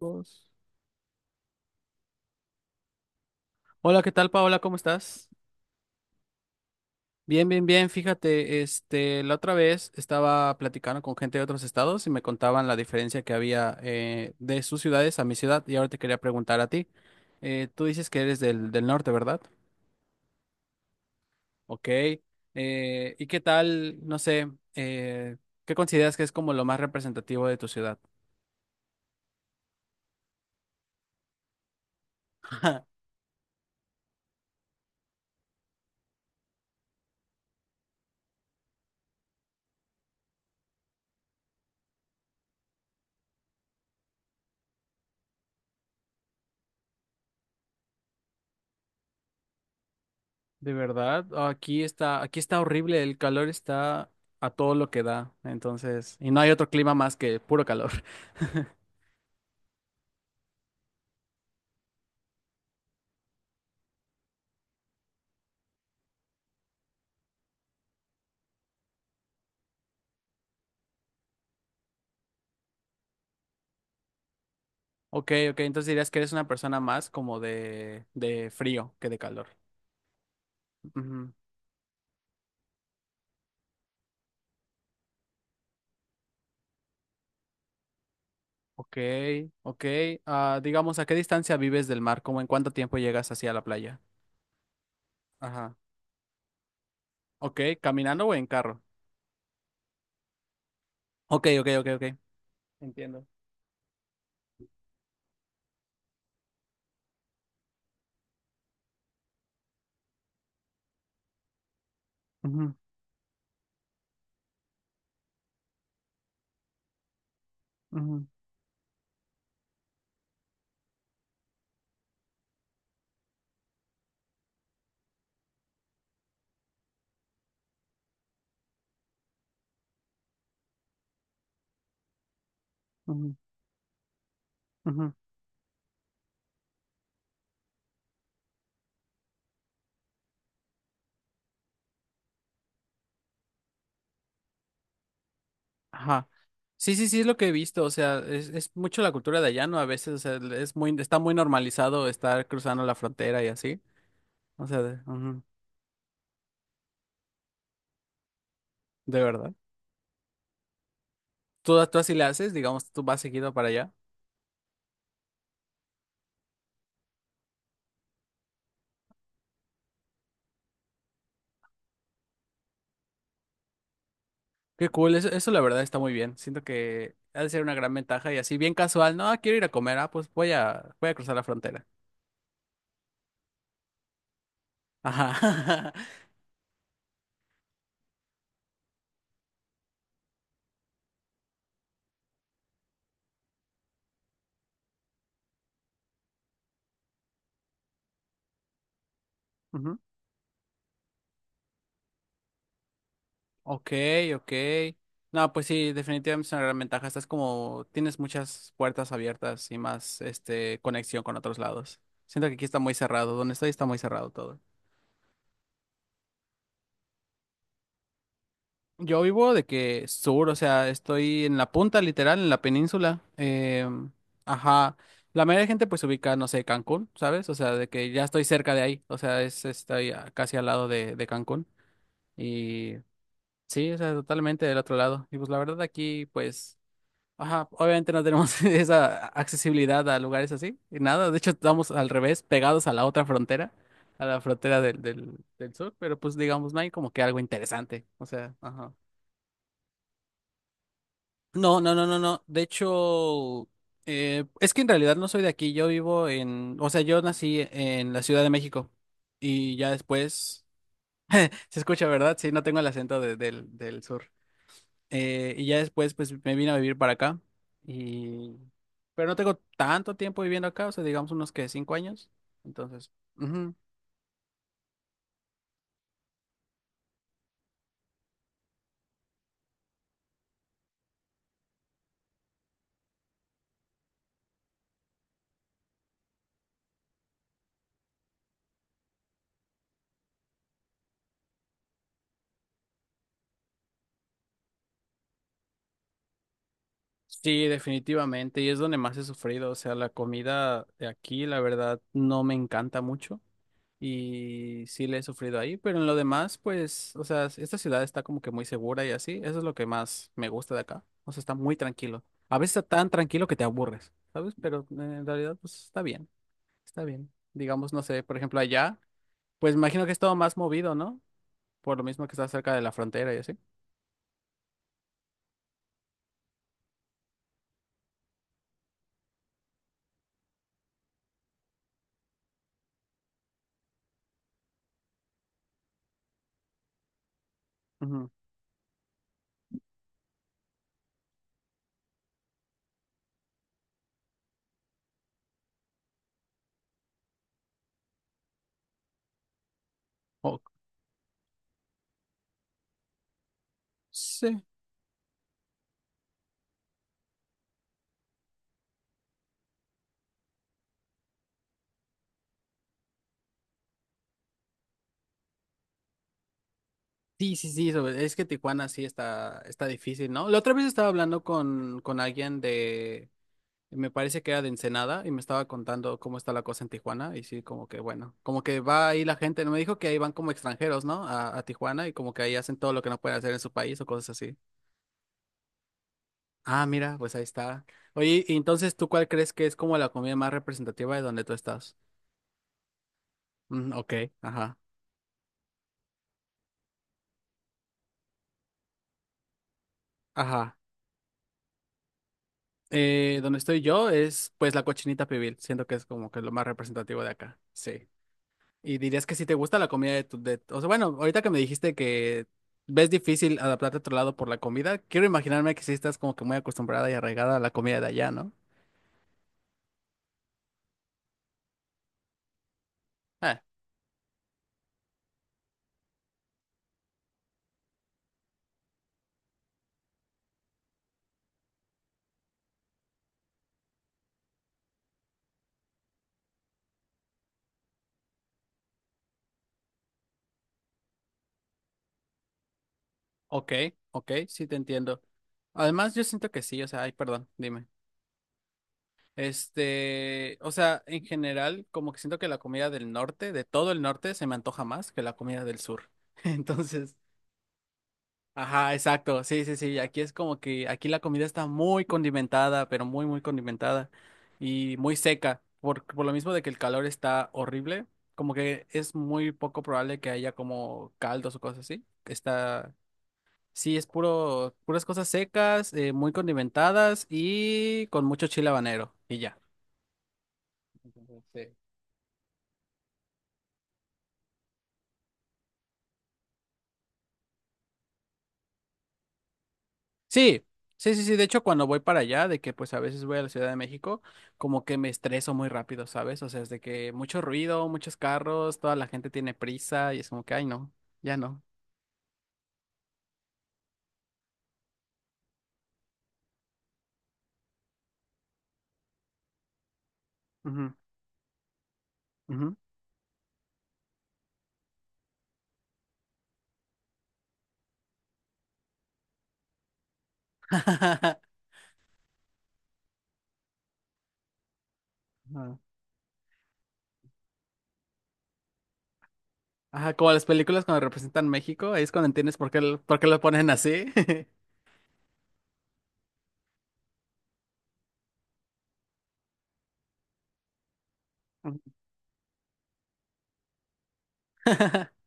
Dos. Hola, ¿qué tal, Paola? ¿Cómo estás? Bien, bien, bien. Fíjate, este, la otra vez estaba platicando con gente de otros estados y me contaban la diferencia que había de sus ciudades a mi ciudad. Y ahora te quería preguntar a ti. Tú dices que eres del norte, ¿verdad? Ok. ¿Y qué tal, no sé, eh, qué consideras que es como lo más representativo de tu ciudad? De verdad, aquí está horrible, el calor está a todo lo que da, entonces, y no hay otro clima más que puro calor. Ok, ok, entonces dirías que eres una persona más como de frío que de calor. Ujú. Ok, ok, ah, digamos, ¿a qué distancia vives del mar? ¿Cómo en cuánto tiempo llegas hacia la playa? Ajá. Ok, ¿caminando o en carro? Ok, ok, ok, ok. Entiendo. Ujú, ujú, ujú, ujú. Ajá. Sí, sí, sí, es lo que he visto, o sea, es mucho la cultura de allá, ¿no? A veces, o sea, es muy, está muy normalizado estar cruzando la frontera y así, o sea, de, ujú, de verdad. ¿Tú así le haces, digamos, tú vas seguido para allá? Qué cool, eso la verdad está muy bien, siento que ha de ser una gran ventaja y así, bien casual, no, ah, quiero ir a comer, ah, pues voy a, voy a cruzar la frontera. Ajá. Ujú. Ok, ok. No, pues sí, definitivamente es una gran ventaja. Estás como, tienes muchas puertas abiertas y más, este, conexión con otros lados. Siento que aquí está muy cerrado. Donde estoy está muy cerrado todo. Yo vivo de que sur, o sea, estoy en la punta, literal, en la península. Em, ajá. La mayoría de gente pues se ubica, no sé, Cancún, ¿sabes? O sea, de que ya estoy cerca de ahí. O sea, es, estoy a- casi al lado de Cancún. Y sí, o sea, totalmente del otro lado. Y pues la verdad aquí, pues. Ajá, obviamente no tenemos esa accesibilidad a lugares así, y nada, de hecho estamos al revés, pegados a la otra frontera, a la frontera del sur, pero pues digamos, no hay como que algo interesante, o sea, ajá. No, no, no, no, no, de hecho, es que en realidad no soy de aquí, yo vivo en, o sea, yo nací en la Ciudad de México, y ya después, se escucha, ¿verdad? Sí, no tengo el acento de- del sur. Y ya después, pues me vine a vivir para acá. Y... Pero no tengo tanto tiempo viviendo acá, o sea, digamos unos que 5 años. Entonces, ujú. Sí, definitivamente. Y es donde más he sufrido. O sea, la comida de aquí, la verdad, no me encanta mucho. Y sí le he sufrido ahí. Pero en lo demás, pues, o sea, esta ciudad está como que muy segura y así. Eso es lo que más me gusta de acá. O sea, está muy tranquilo. A veces está tan tranquilo que te aburres, ¿sabes? Pero en realidad, pues está bien. Está bien. Digamos, no sé, por ejemplo, allá, pues imagino que es todo más movido, ¿no? Por lo mismo que está cerca de la frontera y así. Ujú. Oh, sí. Sí, sí, sí, sobre- es que Tijuana sí está, está difícil, ¿no? La otra vez estaba hablando con alguien de, me parece que era de Ensenada y me estaba contando cómo está la cosa en Tijuana y sí, como que bueno, como que va ahí la gente, no me dijo que ahí van como extranjeros, ¿no? A Tijuana y como que ahí hacen todo lo que no pueden hacer en su país o cosas así. Ah, mira, pues ahí está. Oye, y entonces, ¿tú cuál crees que es como la comida más representativa de donde tú estás? Mm, ok, ajá, ajá. Donde estoy yo es pues la cochinita pibil, siento que es como que lo más representativo de acá, sí. Y dirías que si te gusta la comida de tu... De, o sea, bueno, ahorita que me dijiste que ves difícil adaptarte a otro lado por la comida, quiero imaginarme que sí estás como que muy acostumbrada y arraigada a la comida de allá, ¿no? Ah, ok, ok, sí te entiendo. Además, yo siento que sí, o sea, ay, perdón, dime. Este, o sea, en general, como que siento que la comida del norte, de todo el norte, se me antoja más que la comida del sur. Entonces, ajá, exacto. Sí, sí, sí. Aquí es como que aquí la comida está muy condimentada, pero muy condimentada y muy seca. Por lo mismo de que el calor está horrible, como que es muy poco probable que haya como caldos o cosas así. Está, sí, es puro, puras cosas secas, muy condimentadas y con mucho chile habanero y ya. Entonces, sí. Sí, sí, sí, sí. De hecho, cuando voy para allá, de que pues a veces voy a la Ciudad de México, como que me estreso muy rápido, ¿sabes? O sea, es de que mucho ruido, muchos carros, toda la gente tiene prisa y es como que, ay, no, ya no. Ujú, ujú. Ajá, ajá, como las películas cuando representan México, ahí es cuando entiendes por qué lo ponen así. Ujú.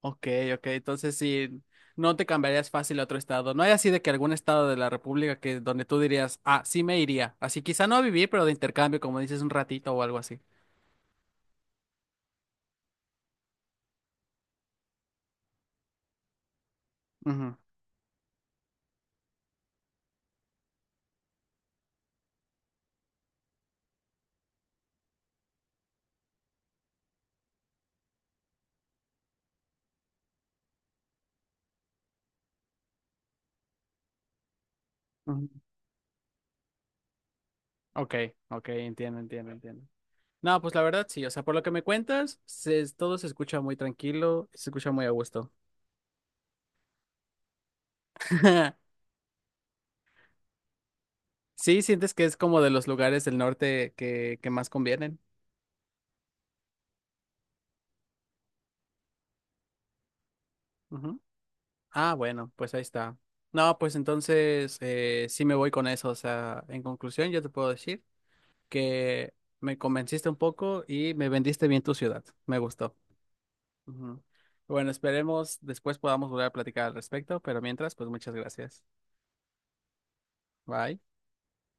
Ok, ok, entonces sí, no te cambiarías fácil a otro estado. No hay así de que algún estado de la República que donde tú dirías, ah, sí me iría. Así quizá no a vivir, pero de intercambio, como dices, un ratito o algo así. Ujú, ujú. Ok, ok, entiendo, entiendo, entiendo. No, pues la verdad sí, o sea, por lo que me cuentas, se- todo se escucha muy tranquilo, se escucha muy a gusto. Sí, sientes que es como de los lugares del norte que más convienen. Ah, bueno, pues ahí está. No, pues entonces sí me voy con eso. O sea, en conclusión, yo te puedo decir que me convenciste un poco y me vendiste bien tu ciudad. Me gustó. Ujú. Bueno, esperemos después podamos volver a platicar al respecto, pero mientras, pues muchas gracias. Bye.